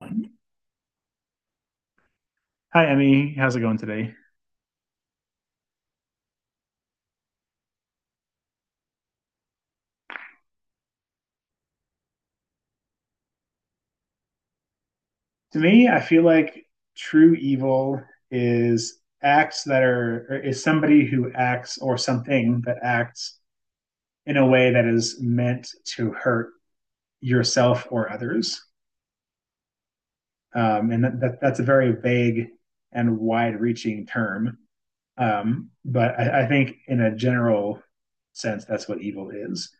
Hi, Emmy. How's it going today? To me, I feel like true evil is acts that are, or is somebody who acts or something that acts in a way that is meant to hurt yourself or others. That's a very vague and wide reaching term. But I think in a general sense, that's what evil is.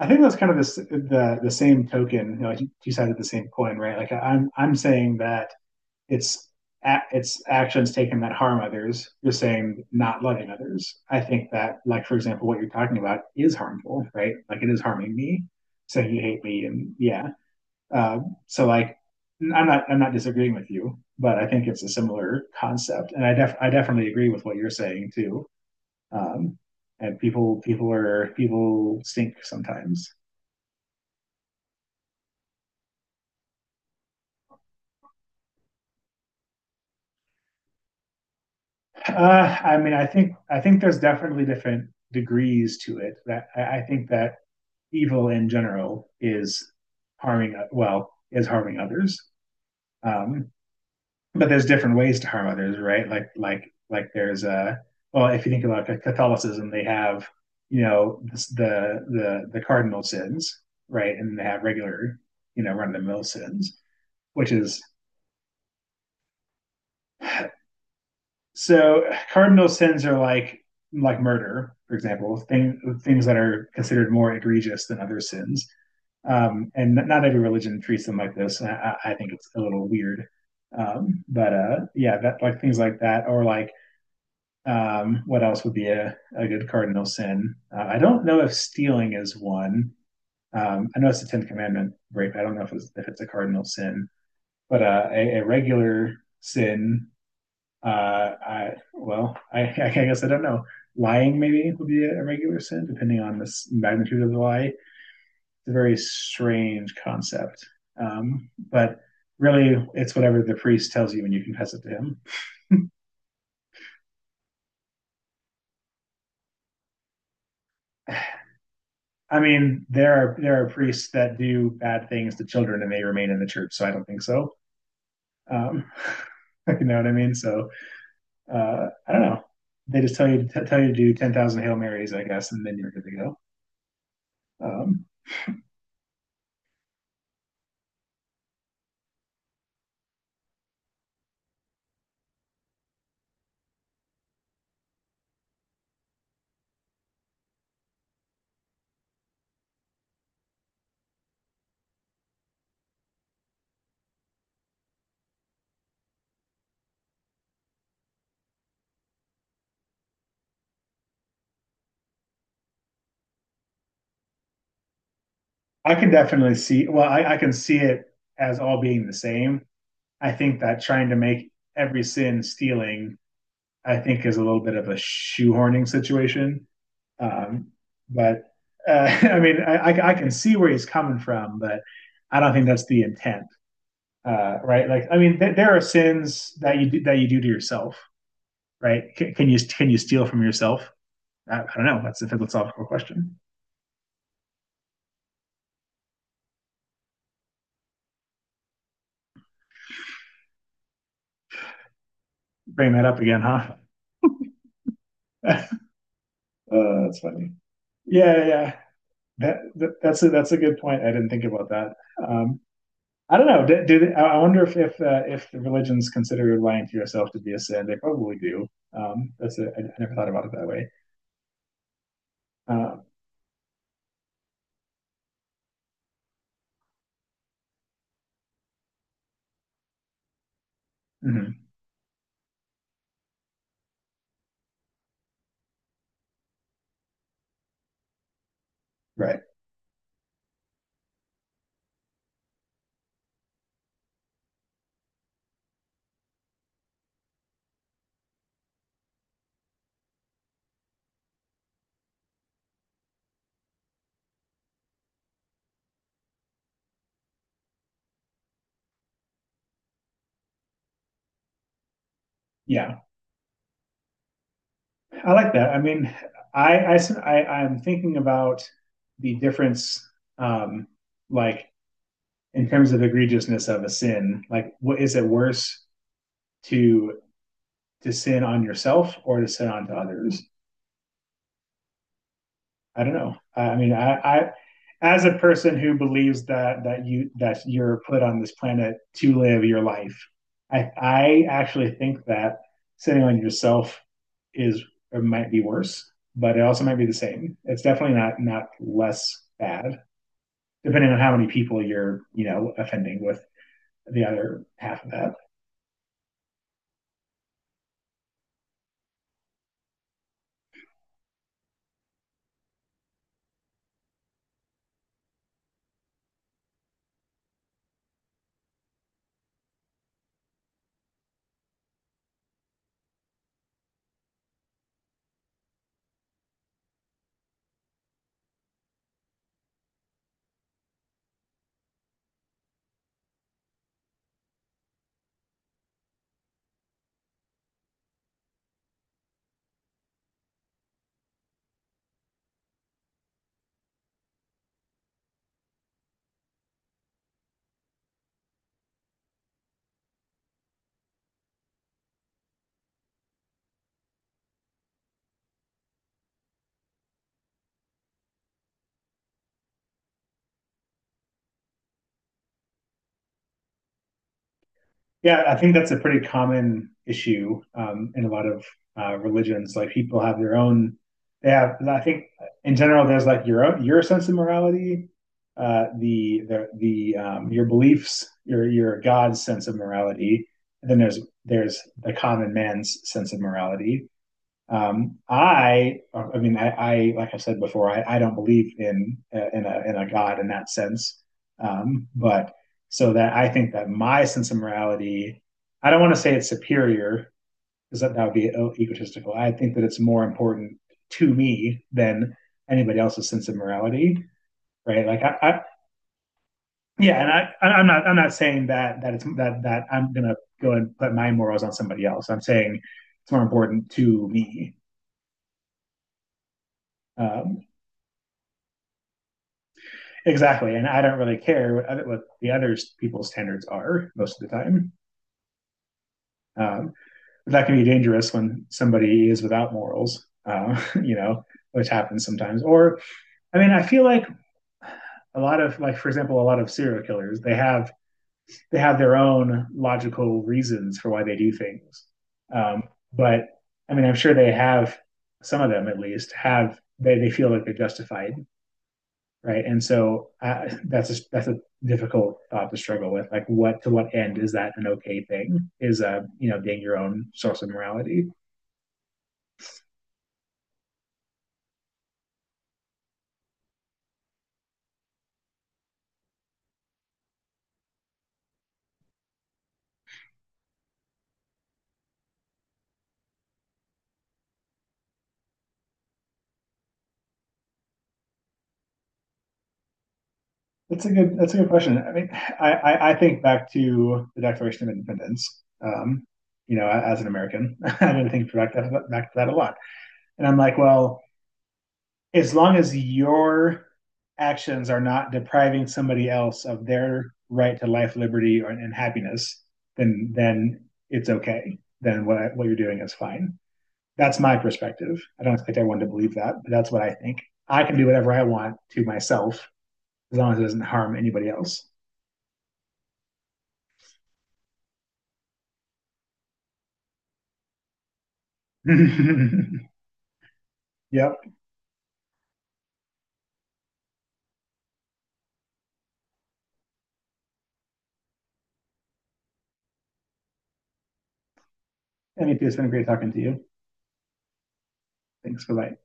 I think that's kind of the same token, you know, like you cited the same coin, right? Like I'm saying that it's it's actions taken that harm others. You're saying not loving others. I think that, like for example, what you're talking about is harmful, right? Like it is harming me, saying you hate me, and yeah. Um, so like, I'm not disagreeing with you, but I think it's a similar concept, and I definitely agree with what you're saying too. Um, and people people are people stink sometimes. I mean, I think there's definitely different degrees to it. I think that evil in general is harming well is harming others, um but there's different ways to harm others, right? Like there's a well, if you think about Catholicism, they have, you know, the cardinal sins, right? And they have regular, you know, run-of-the-mill sins, which is. So cardinal sins are like murder, for example, things that are considered more egregious than other sins. And not every religion treats them like this. I think it's a little weird. But yeah, that like things like that, or like, what else would be a good cardinal sin? I don't know if stealing is one. I know it's a Ten Commandment break. I don't know if it's a cardinal sin, but a regular sin. uh, I well, I, I guess I don't know. Lying maybe would be a regular sin, depending on the magnitude of the lie. It's a very strange concept, but really, it's whatever the priest tells you when you confess it to him. I mean, there are priests that do bad things to children and they remain in the church, so I don't think so. Um, you know what I mean? So I don't know. They just tell you tell you to do 10,000 Hail Marys, I guess, and then you're good to go. Um, I can definitely see. Well, I can see it as all being the same. I think that trying to make every sin stealing, I think, is a little bit of a shoehorning situation. Um, but uh, I mean, I can see where he's coming from, but I don't think that's the intent, right? Like, I mean, there are sins that you do to yourself, right? Can you can you steal from yourself? I don't know. That's a philosophical question. Bring that up again, huh? That's funny. Yeah, yeah. That's a good point. I didn't think about that. Um, I don't know. I wonder if the religions consider lying to yourself to be a sin? They probably do. I never thought about it that way. Uh, mhm. Right. Yeah, I like that. I mean, I am thinking about the difference, um, like in terms of egregiousness of a sin. Like, what is it worse to to sin on yourself or to sin onto others? I don't know. I mean, I as a person who believes that that you that you're put on this planet to live your life, I actually think that sitting on yourself is, it might be worse, but it also might be the same. It's definitely not not less bad, depending on how many people you're, you know, offending with the other half of that. Yeah, I think that's a pretty common issue, in a lot of religions. Like people have their own. They have. I think in general, there's like your own, your sense of morality, the your beliefs, your God's sense of morality. And then there's the common man's sense of morality. I mean, like I said before, I don't believe in a God in that sense. But that I think that my sense of morality, I don't want to say it's superior because that would be egotistical. I think that it's more important to me than anybody else's sense of morality, right? Like I yeah, and am not, I'm not saying that it's that I'm gonna go and put my morals on somebody else. I'm saying it's more important to me. Um, Exactly. And I don't really care what the other people's standards are most of the time. Um, but that can be dangerous when somebody is without morals, you know, which happens sometimes. Or, I mean, I feel like a lot of, like, for example, a lot of serial killers, they have their own logical reasons for why they do things. Um, but I mean, I'm sure they have, some of them at least have, they feel like they're justified, right? And so that's a difficult thought to struggle with. Like, what to what end is that an okay thing? Is you know, being your own source of morality? That's a good. That's a good question. I mean, I think back to the Declaration of Independence. You know, as an American, I didn't think back to, back to that a lot. And I'm like, well, as long as your actions are not depriving somebody else of their right to life, liberty, or, and happiness, then it's okay. Then what you're doing is fine. That's my perspective. I don't expect everyone to believe that, but that's what I think. I can do whatever I want to myself as long as it doesn't harm anybody else. Yep. MEP, it's been great talking to you. Thanks for that.